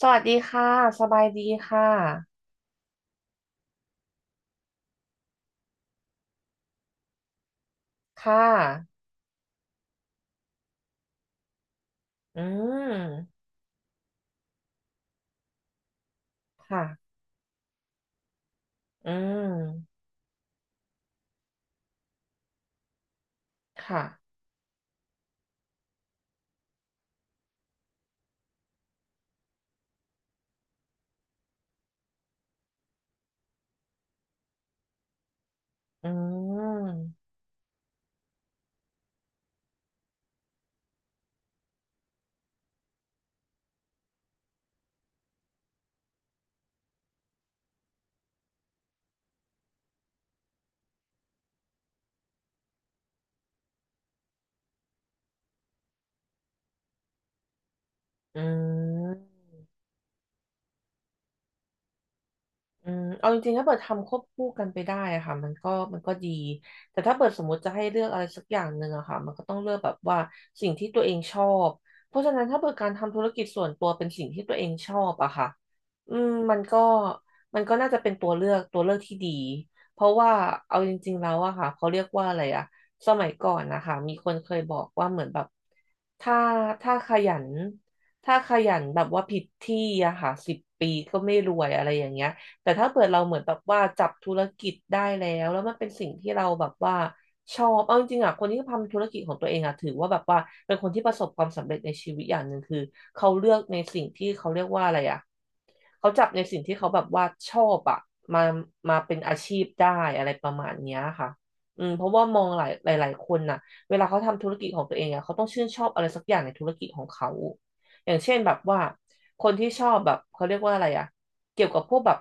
สวัสดีค่ะ สบายดีค่ะ ค่ะ อืม ค่ะ อืม ค่ะ อืม อืม เอาจริงๆ ถ้าเปิดทำควบคู่กันไปได้อะค่ะมันก็ดีแต่ถ้าเปิดสมมติจะให้เลือกอะไรสักอย่างหนึ่งอะค่ะมันก็ต้องเลือกแบบว่าสิ่งที่ตัวเองชอบเพราะฉะนั้นถ้าเปิดการทำธุรกิจส่วนตัวเป็นสิ่งที่ตัวเองชอบอะค่ะอืมมันก็มันก็น่าจะเป็นตัวเลือกที่ดีเพราะว่าเอาจริงๆแล้วอะค่ะเขาเรียกว่าอะไรอะสมัยก่อนนะคะมีคนเคยบอกว่าเหมือนแบบถ้าถ้าขยันถ้าขยันแบบว่าผิดที่อะค่ะ10 ปีก็ไม่รวยอะไรอย่างเงี้ย แต่ถ้าเปิดเราเหมือนแบบว่าจับธุรกิจได้แล้วมันเป็นสิ่งที่เราแบบว่าชอบเอาจริงๆอ่ะคนที่ทำธุรกิจของตัวเองอ่ะถือว่าแบบว่าเป็นคนที่ประสบความสำเร็จในชีวิตอย่างหนึ่งคือเขาเลือกในสิ่งที่เขาเรียกว่าอะไรอ่ะเขาจับในสิ่งที่เขาแบบว่าชอบอ่ะมามาเป็นอาชีพได้อะไรประมาณเนี้ยค่ะเพราะว่ามองหลายๆคนน่ะเวลาเขาทำธุรกิจของตัวเองอ่ะเขาต้องชื่นชอบอะไรสักอย่างในธุรกิจของเขาอย่างเช่นแบบว่าคนที่ชอบแบบเขาเรียกว่าอะไรอ่ะ เกี่ยวกับพวกแบบ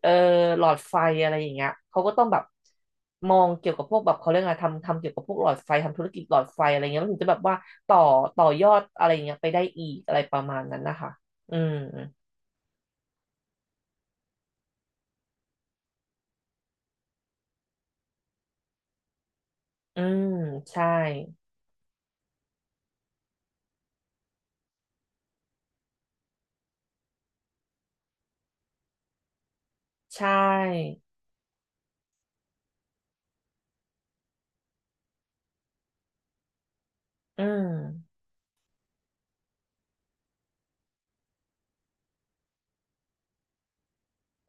เอ่อหลอดไฟอะไรอย่างเงี้ยเขาก็ต้องแบบมองเกี่ยวกับพวกแบบเขาเรียกอะไรทำเกี่ยวกับพวกหลอดไฟทำธุรกิจหลอดไฟอะไรเงี้ยมันถึงจะแบบว่าต่อต่อยอดอะไรอ่เงี้ยไปได้อีกอะไรประมาณนั้นนะคะอืมอืมใช่ใช่อืม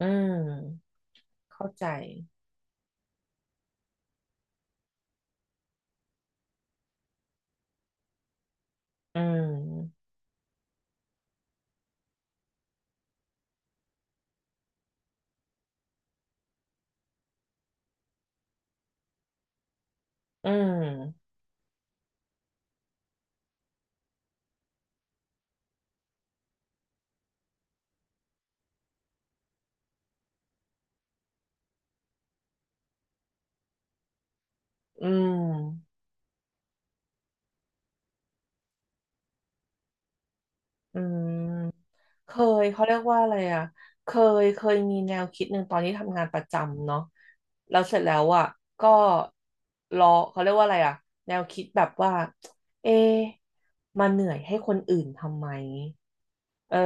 อืมเข้าใจอืมอืมอืมอืม เคยเขาเรียกว่าอะไรอ่ะ เคเคยมีแนวคิดหนึ่งตอนนี้ทำงานประจำเนาะแล้วเสร็จแล้วอ่ะก็รอเขาเรียกว่าอะไรอ่ะแนวคิดแบบว่าเอ๊ะมาเหนื่อยให้คนอื่นทำไมเออ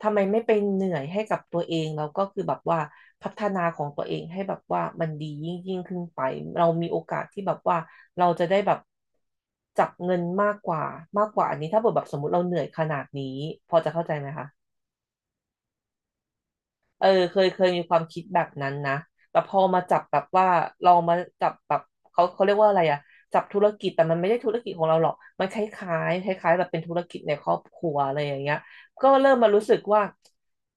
ทำไมไม่ไปเหนื่อยให้กับตัวเองแล้วก็คือแบบว่าพัฒนาของตัวเองให้แบบว่ามันดียิ่งยิ่งขึ้นไปเรามีโอกาสที่แบบว่าเราจะได้แบบจับเงินมากกว่าอันนี้ถ้าเกิดแบบสมมติเราเหนื่อยขนาดนี้พอจะเข้าใจไหมคะ เออเคยมีความคิดแบบนั้นนะแต่พอมาจับแบบว่าลองมาจับแบบเขาเรียกว่าอะไรอะจับธุรกิจแต่มันไม่ได้ธุรกิจของเราหรอกมันคล้ายๆคล้ายๆแบบเป็นธุรกิจในครอบครัวอะไรอย่างเงี้ยก็เริ่มมารู้สึกว่า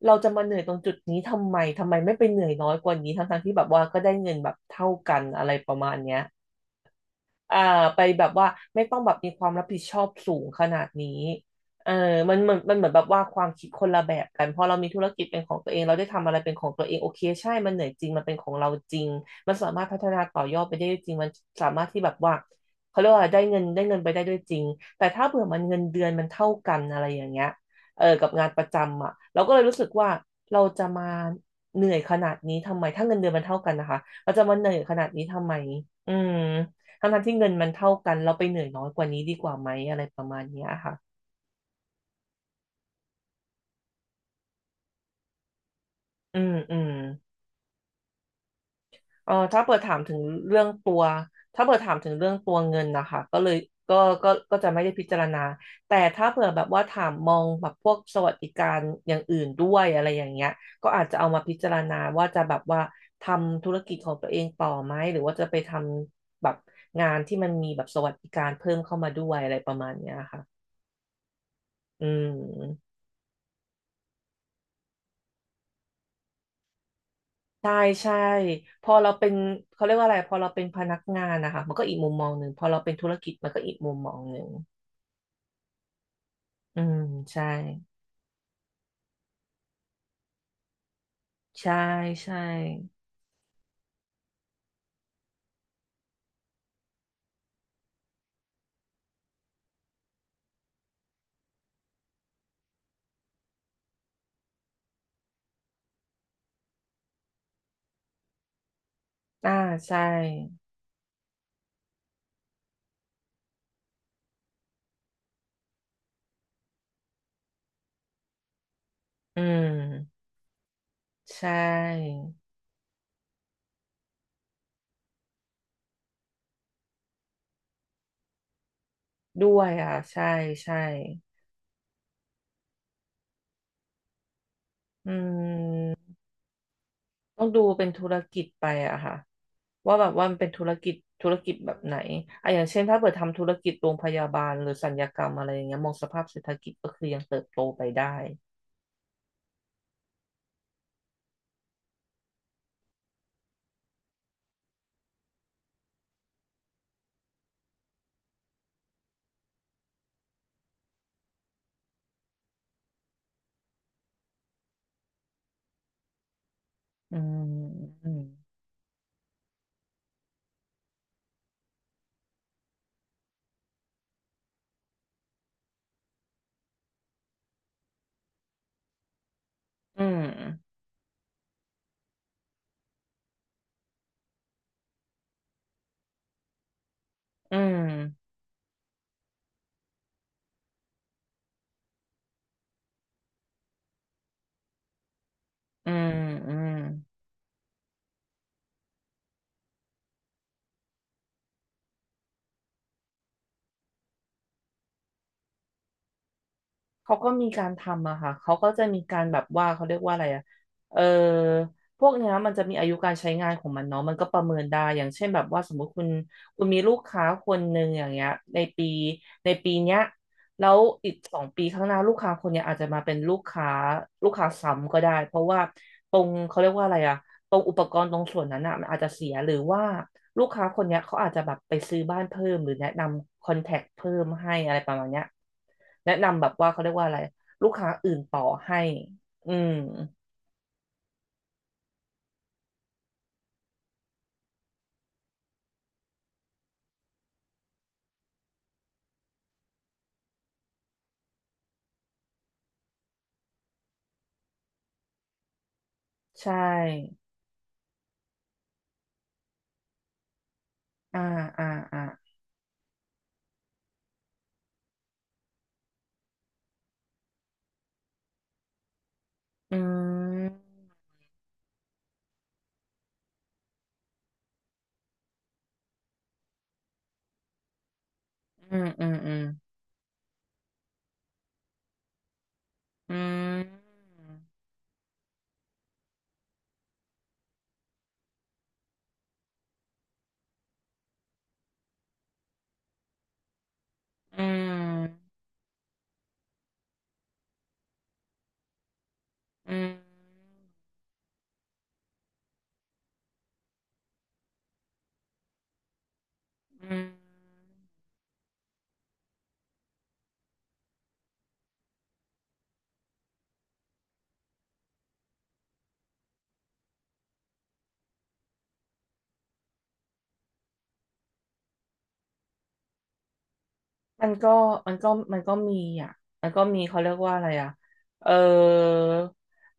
เราจะมาเหนื่อยตรงจุดนี้ทำไมทำไมไม่ไปเหนื่อยน้อยกว่านี้ทั้งๆที่แบบว่าก็ได้เงินแบบเท่ากันอะไรประมาณเนี้ย อ่าไปแบบว่าไม่ต้องแบบมีความรับผิดชอบสูงขนาดนี้เออมันเหมือนแบบว่าความคิดคนละแบบกันพอเรามีธุรกิจเป็นของตัวเองเราได้ทำอะไรเป็นของตัวเองโอเคใช่มันเหนื่อยจริงมันเป็นของเราจริงมันสามารถพัฒนาต่อยอดไปได้จริงมันสามารถที่แบบว่าเขาเรียกว่าได้เงินไปได้ด้วยจริงแต่ถ้าเผื่อมันเงินเดือนมันเท่ากันอะไรอย่างเงี้ยเออกับงานประจำอ่ะเราก็เลยรู้สึกว่าเราจะมาเหนื่อยขนาดนี้ทำไมถ้าเงินเดือนมันเท่ากันนะคะเราจะมาเหนื่อยขนาดนี้ทำไมอืม ทั้งที่เงินมันเท่ากันเราไปเหนื่อยน้อยกว่านี้ดีกว่าไหมอะไรประมาณเนี้ยค่ะอืมอืมเออเรื่องตัวถ้าเปิดถามถึงเรื่องตัวเงินนะคะก็เลยก็จะไม่ได้พิจารณาแต่ถ้าเผื่อแบบว่าถามมองแบบพวกสวัสดิการอย่างอื่นด้วยอะไรอย่างเงี้ยก็อาจจะเอามาพิจารณาว่าจะแบบว่าทำธุรกิจของตัวเองต่อไหมหรือว่าจะไปทำแบบงานที่มันมีแบบสวัสดิการเพิ่มเข้ามาด้วยอะไรประมาณเนี้ยค่ะอืม ใช่ใช่พอเราเป็นเขาเรียกว่าอะไรพอเราเป็นพนักงานนะคะมันก็อีกมุมมองหนึ่งพอเราเป็นธุรกิจมันก็อีกมุมมองหนึ่งอืมใช่ใช่ใช่อ่าใช่อืมใช่ด้วยอ่ะใช่ใช่อืมต้องดูเป็นธุรกิจไปอะค่ะว่าแบบว่ามันเป็นธุรกิจแบบไหนอะอย่างเช่นถ้าเปิดทำธุรกิจโรงพยาบาลหรือศัลยกรรมอะไรอย่างเงี้ยมองสภาพเศรษฐกิจก็คือยังเติบโตไปได้อืม อืมอืมอืมอืมเขาก็มีการทำอะค่ะเขาก็จะมีการแบบว่าเขาเรียกว่าอะไรอะเออพวกเนี้ยมันจะมีอายุการใช้งานของมันเนาะมันก็ประเมินได้อย่างเช่นแบบว่าสมมติคุณมีลูกค้าคนหนึ่งอย่างเงี้ยในปีในปีเนี้ยแล้วอีกสองปีข้างหน้าลูกค้าคนเนี้ยอาจจะมาเป็นลูกค้าซ้ำก็ได้เพราะว่าตรงเขาเรียกว่าอะไรอะ ตรงอุปกรณ์ตรงส่วนนั้นอ่ะมันอาจจะเสียหรือว่าลูกค้าคนเนี้ยเขาอาจจะแบบไปซื้อบ้านเพิ่มหรือแนะนำคอนแทคเพิ่มให้อะไรประมาณเนี้ยแนะนำแบบว่าเขาเรียกว่าอะไรลูกค้าอื่นต่อให้อืมใช่อ่าอ่าอ่าอืมอืมอืมอืมอืมอืมอืมอืม มันก็มันก็มันก็มีอ่ะ มันก็มีเขาเรียกว่าอะไรอ่ะเออ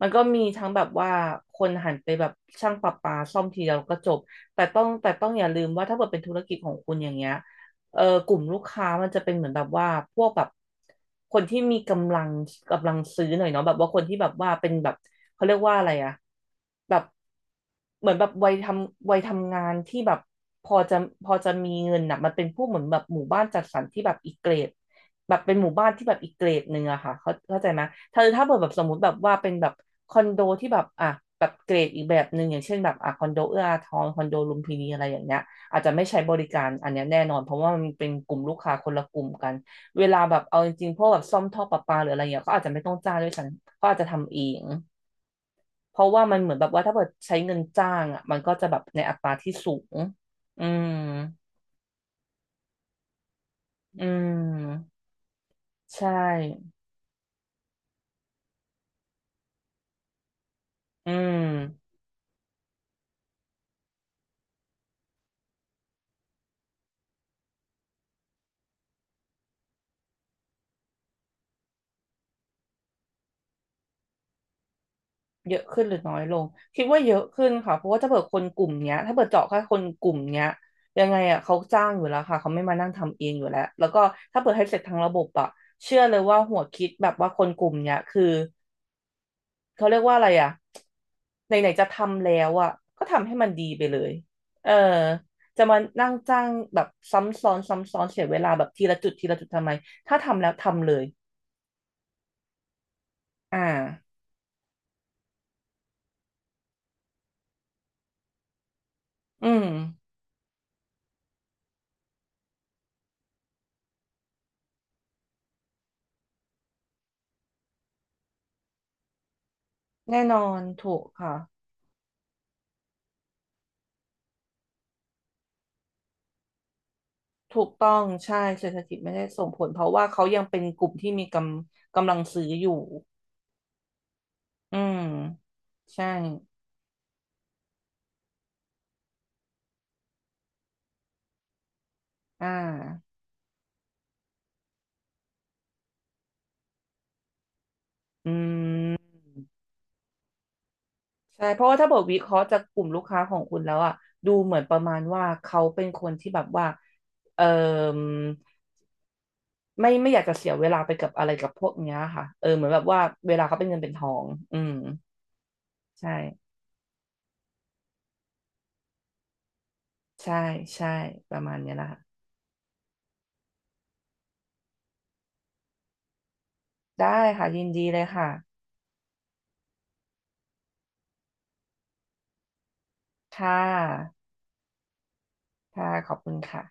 มันก็มีทั้งแบบว่าคนหันไปแบบช่างประปาซ่อมทีเดียวก็จบแต่ต้องอย่าลืมว่าถ้าเกิดเป็นธุรกิจของคุณอย่างเงี้ย เออกลุ่มลูกค้ามันจะเป็นเหมือนแบบว่าพวกแบบคนที่มีกำลังกำลังซื้อหน่อยเนาะแบบว่าคนที่แบบว่าเป็นแบบเขาเรียกว่าอะไรอะแบบเหมือนแบบวัยทำงานที่แบบพอจะพอจะมีเงินอะมันเป็นพวกเหมือนแบบหมู่บ้านจัดสรรที่แบบอีกเกรดแบบเป็นหมู่บ้านที่แบบอีกเกรดหนึ่งอะค่ะเขาเข้าใจไหมถ้าเปิดแบบสมมติแบบว่าเป็นแบบคอนโดที่แบบอ่ะแบบเกรดอีกแบบหนึ่งอย่างเช่นแบบอ่ะคอนโดเอื้ออาทรคอนโดลุมพินีอะไรอย่างเงี้ย อาจจะไม่ใช้บริการอันนี้แน่นอนเพราะว่ามันเป็นกลุ่มลูกค้าคนละกลุ่มกันเวลาแบบเอาจริงๆพวกแบบซ่อมท่อประปาหรืออะไรอย่างเงี้ยก็อาจจะไม่ต้องจ้างด้วยซ้ำก็อาจจะทำเองเพราะว่ามันเหมือนแบบว่าถ้าเกิดใช้เงินจ้างอ่ะมันก็จะแบบในอัตราที่สูงอืมอืมใช่อืม เยอะขึ้นหรือน้อยลงคิดว่าเยอะขึ้นค่ะเพราะว่าถ้าเปิดคนกลุ่มเนี้ยถ้าเปิดเจาะแค่คนกลุ่มเนี้ยยังไงอ่ะเขาจ้างอยู่แล้วค่ะเขาไม่มานั่งทำเองอยู่แล้วแล้วก็ถ้าเปิดให้เสร็จทางระบบอ่ะเชื่อเลยว่าหัวคิดแบบว่าคนกลุ่มเนี้ยคือเขาเรียกว่าอะไรอ่ะไหนๆจะทำแล้วอ่ะก็ทำให้มันดีไปเลยเออจะมานั่งจ้างแบบซ้ำซ้อนเสียเวลาแบบทีละจุดทำไมถ้าทำแล้วทำเลยอ่าอืมแน่นอนถูกค่ะ ถูกต้องใช่เศรษฐกิจไม่ได้ส่งผลเพราะว่าเขายังเป็นกลุ่มที่มีกำลังซื้ออยู่อืมใช่อ่าอืมใช่เพราะว่าถ้าบอกวิเคราะห์จากกลุ่มลูกค้าของคุณแล้วอะดูเหมือนประมาณว่าเขาเป็นคนที่แบบว่าเออไม่อยากจะเสียเวลาไปกับอะไรกับพวกเนี้ยค่ะเออเหมือนแบบว่าเวลาเขาเป็นเงินเป็นทองอืมใช่ใช่ใช่ประมาณเนี้ยนะคะได้ค่ะยินดีเลยค่ะค่ะค่ะขอบคุณค่ะ